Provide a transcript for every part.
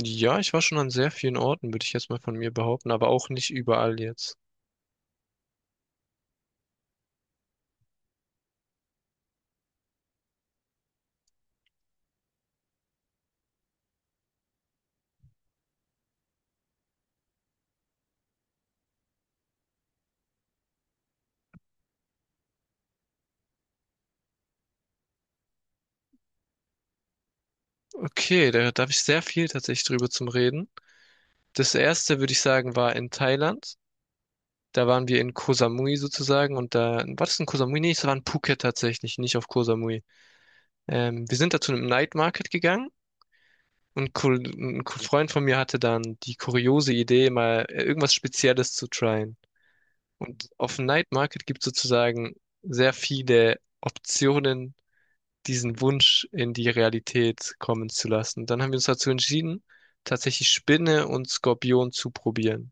Ja, ich war schon an sehr vielen Orten, würde ich jetzt mal von mir behaupten, aber auch nicht überall jetzt. Okay, da habe ich sehr viel tatsächlich drüber zum Reden. Das erste, würde ich sagen, war in Thailand. Da waren wir in Koh Samui sozusagen und da, war das in Koh Samui? Nee, es war in Phuket tatsächlich, nicht auf Koh Samui. Wir sind da zu einem Night Market gegangen und Freund von mir hatte dann die kuriose Idee, mal irgendwas Spezielles zu tryen. Und auf dem Night Market gibt es sozusagen sehr viele Optionen, diesen Wunsch in die Realität kommen zu lassen. Dann haben wir uns dazu entschieden, tatsächlich Spinne und Skorpion zu probieren.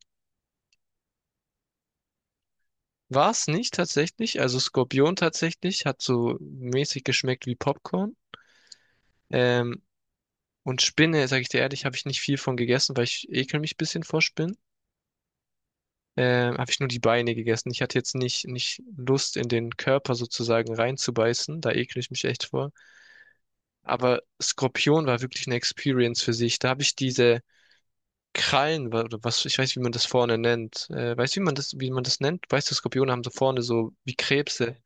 War es nicht tatsächlich, also Skorpion tatsächlich hat so mäßig geschmeckt wie Popcorn. Ähm, und Spinne, sage ich dir ehrlich, habe ich nicht viel von gegessen, weil ich ekel mich ein bisschen vor Spinnen. Habe ich nur die Beine gegessen. Ich hatte jetzt nicht Lust, in den Körper sozusagen reinzubeißen. Da ekel ich mich echt vor. Aber Skorpion war wirklich eine Experience für sich. Da habe ich diese Krallen oder was, ich weiß nicht, wie man das vorne nennt. Weißt du, wie man das nennt? Weißt du, Skorpione haben so vorne so wie Krebse.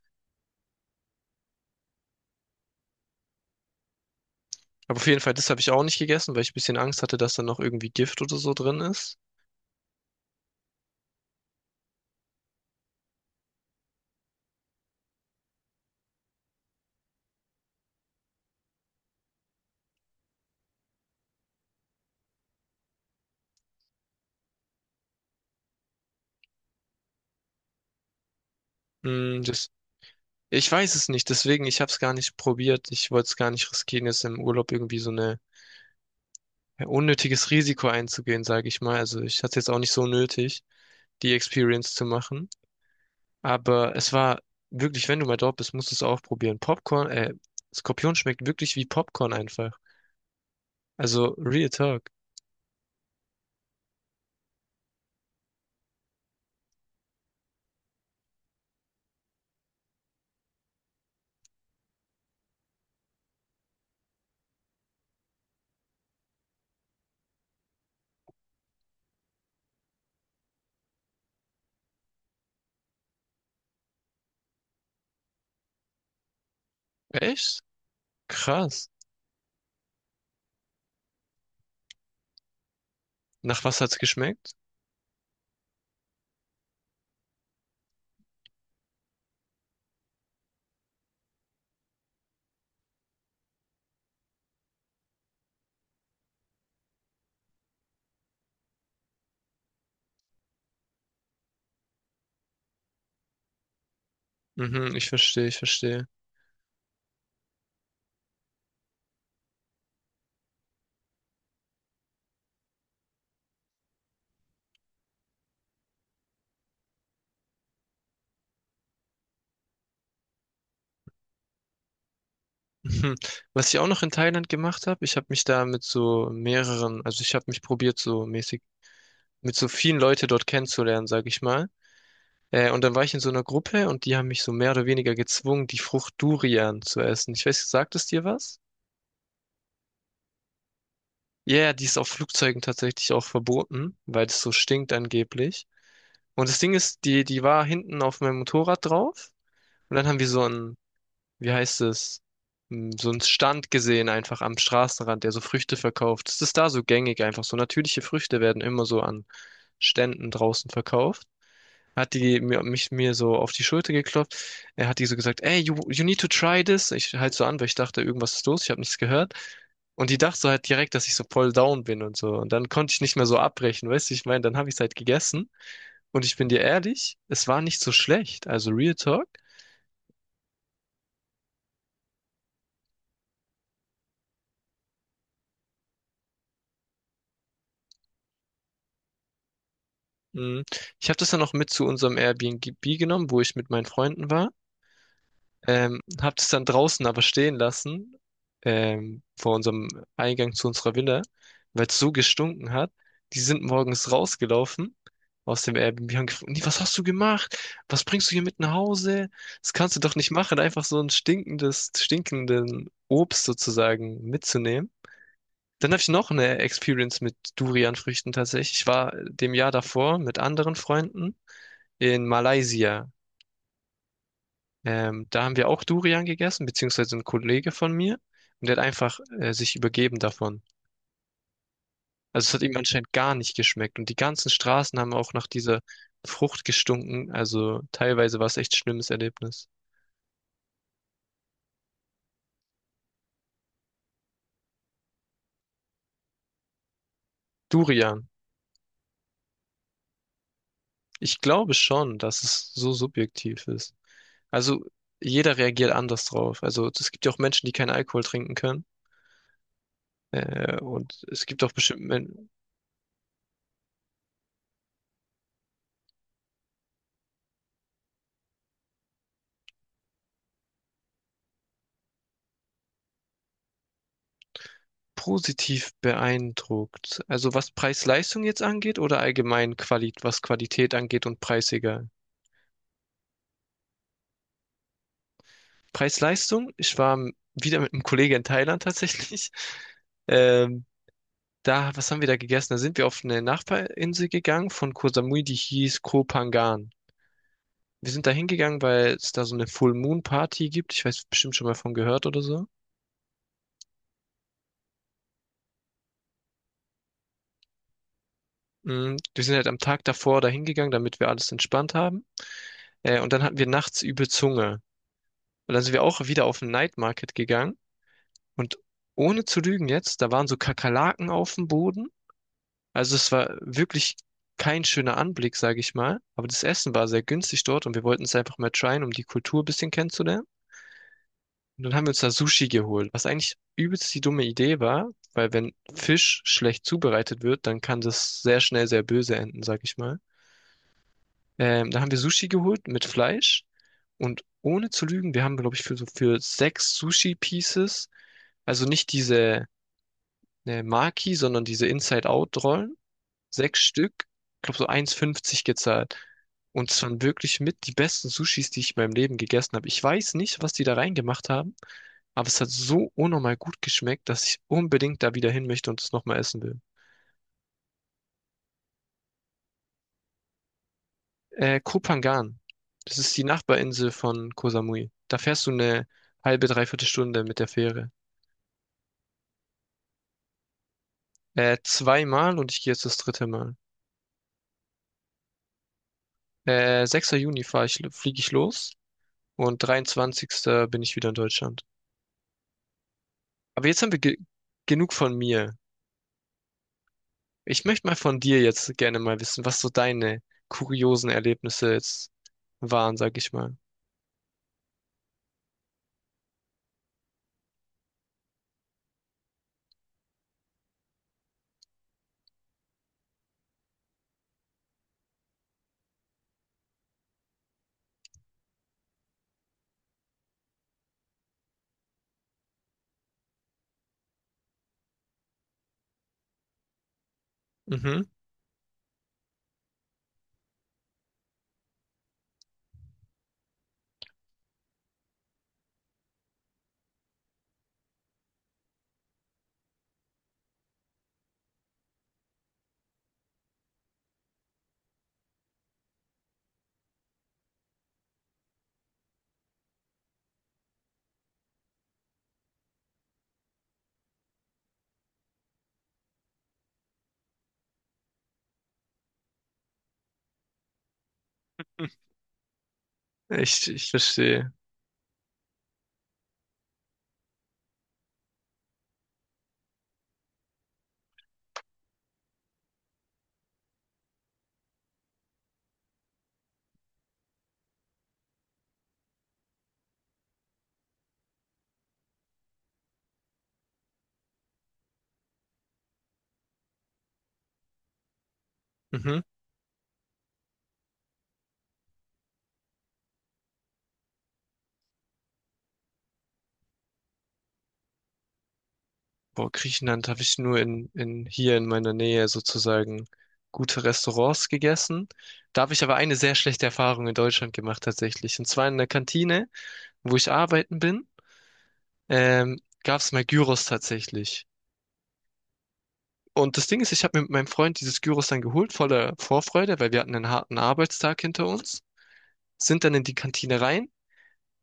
Aber auf jeden Fall, das habe ich auch nicht gegessen, weil ich ein bisschen Angst hatte, dass da noch irgendwie Gift oder so drin ist. Hm, ich weiß es nicht, deswegen, ich habe es gar nicht probiert. Ich wollte es gar nicht riskieren, jetzt im Urlaub irgendwie so eine, ja, unnötiges Risiko einzugehen, sage ich mal. Also ich hatte jetzt auch nicht so nötig, die Experience zu machen. Aber es war wirklich, wenn du mal dort bist, musst du es auch probieren. Popcorn, Skorpion schmeckt wirklich wie Popcorn einfach. Also, Real Talk. Echt? Krass. Nach was hat's geschmeckt? Mhm, ich verstehe, ich verstehe. Mhm. Was ich auch noch in Thailand gemacht habe, ich habe mich da mit so mehreren, also ich habe mich probiert, so mäßig, mit so vielen Leute dort kennenzulernen, sag ich mal. Und dann war ich in so einer Gruppe und die haben mich so mehr oder weniger gezwungen, die Frucht Durian zu essen. Ich weiß, sagt es dir was? Ja, yeah, die ist auf Flugzeugen tatsächlich auch verboten, weil es so stinkt angeblich. Und das Ding ist, die war hinten auf meinem Motorrad drauf. Und dann haben wir so einen, wie heißt es, so einen Stand gesehen, einfach am Straßenrand, der so Früchte verkauft. Das ist da so gängig einfach. So natürliche Früchte werden immer so an Ständen draußen verkauft. Hat die mir, mich mir so auf die Schulter geklopft. Er hat die so gesagt, ey, you, you need to try this. Ich halt so an, weil ich dachte, irgendwas ist los, ich habe nichts gehört. Und die dachte so halt direkt, dass ich so voll down bin und so. Und dann konnte ich nicht mehr so abbrechen, weißt du, ich meine, dann habe ich es halt gegessen. Und ich bin dir ehrlich, es war nicht so schlecht. Also Real Talk. Mm. Ich habe das dann noch mit zu unserem Airbnb genommen, wo ich mit meinen Freunden war. Hab das dann draußen aber stehen lassen, vor unserem Eingang zu unserer Villa, weil es so gestunken hat. Die sind morgens rausgelaufen aus dem Airbnb und haben gefragt: „Nee, was hast du gemacht? Was bringst du hier mit nach Hause? Das kannst du doch nicht machen, einfach so ein stinkendes, stinkenden Obst sozusagen mitzunehmen." Dann habe ich noch eine Experience mit Durianfrüchten tatsächlich. Ich war dem Jahr davor mit anderen Freunden in Malaysia, da haben wir auch Durian gegessen, beziehungsweise ein Kollege von mir. Und der hat einfach sich übergeben davon. Also es hat ihm anscheinend gar nicht geschmeckt. Und die ganzen Straßen haben auch nach dieser Frucht gestunken. Also teilweise war es echt schlimmes Erlebnis. Durian. Ich glaube schon, dass es so subjektiv ist. Also jeder reagiert anders drauf. Also es gibt ja auch Menschen, die keinen Alkohol trinken können. Und es gibt auch bestimmt Men positiv beeindruckt. Also was Preis-Leistung jetzt angeht oder allgemein Quali was Qualität angeht und Preis egal. Preis-Leistung, ich war wieder mit einem Kollegen in Thailand tatsächlich. Ähm, da, was haben wir da gegessen? Da sind wir auf eine Nachbarinsel gegangen von Koh Samui, die hieß Koh Phangan. Wir sind da hingegangen, weil es da so eine Full Moon Party gibt. Ich weiß bestimmt schon mal von gehört oder so. Wir sind halt am Tag davor da hingegangen, damit wir alles entspannt haben. Und dann hatten wir nachts übel Zunge. Und dann sind wir auch wieder auf den Night Market gegangen. Und ohne zu lügen jetzt, da waren so Kakerlaken auf dem Boden. Also es war wirklich kein schöner Anblick, sage ich mal. Aber das Essen war sehr günstig dort und wir wollten es einfach mal tryen, um die Kultur ein bisschen kennenzulernen. Und dann haben wir uns da Sushi geholt, was eigentlich übelst die dumme Idee war, weil wenn Fisch schlecht zubereitet wird, dann kann das sehr schnell sehr böse enden, sag ich mal. Dann haben wir Sushi geholt mit Fleisch. Und ohne zu lügen, wir haben, glaube ich, für sechs Sushi-Pieces, also nicht diese Maki, sondern diese Inside-Out-Rollen, sechs Stück, ich glaube so 1,50 gezahlt. Und es waren wirklich mit die besten Sushis, die ich in meinem Leben gegessen habe. Ich weiß nicht, was die da reingemacht haben, aber es hat so unnormal gut geschmeckt, dass ich unbedingt da wieder hin möchte und es nochmal essen will. Koh Phangan. Das ist die Nachbarinsel von Koh Samui. Da fährst du eine halbe, dreiviertel Stunde mit der Fähre. Zweimal und ich gehe jetzt das dritte Mal. 6. Juni fahre ich, fliege ich los und 23. bin ich wieder in Deutschland. Aber jetzt haben wir ge genug von mir. Ich möchte mal von dir jetzt gerne mal wissen, was so deine kuriosen Erlebnisse jetzt waren, sag ich mal. Mhm. Ich verstehe. Mhm. Boah, Griechenland habe ich nur in hier in meiner Nähe sozusagen gute Restaurants gegessen. Da habe ich aber eine sehr schlechte Erfahrung in Deutschland gemacht tatsächlich. Und zwar in der Kantine, wo ich arbeiten bin, gab es mal Gyros tatsächlich. Und das Ding ist, ich habe mir mit meinem Freund dieses Gyros dann geholt, voller Vorfreude, weil wir hatten einen harten Arbeitstag hinter uns, sind dann in die Kantine rein,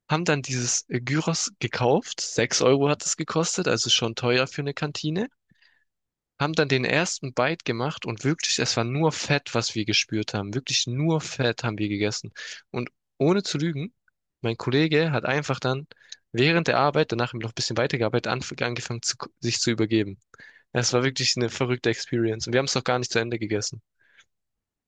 haben dann dieses Gyros gekauft. 6 Euro hat es gekostet, also schon teuer für eine Kantine. Haben dann den ersten Bite gemacht und wirklich, es war nur Fett, was wir gespürt haben. Wirklich nur Fett haben wir gegessen. Und ohne zu lügen, mein Kollege hat einfach dann während der Arbeit, danach haben wir noch ein bisschen weitergearbeitet, angefangen, sich zu übergeben. Es war wirklich eine verrückte Experience. Und wir haben es noch gar nicht zu Ende gegessen.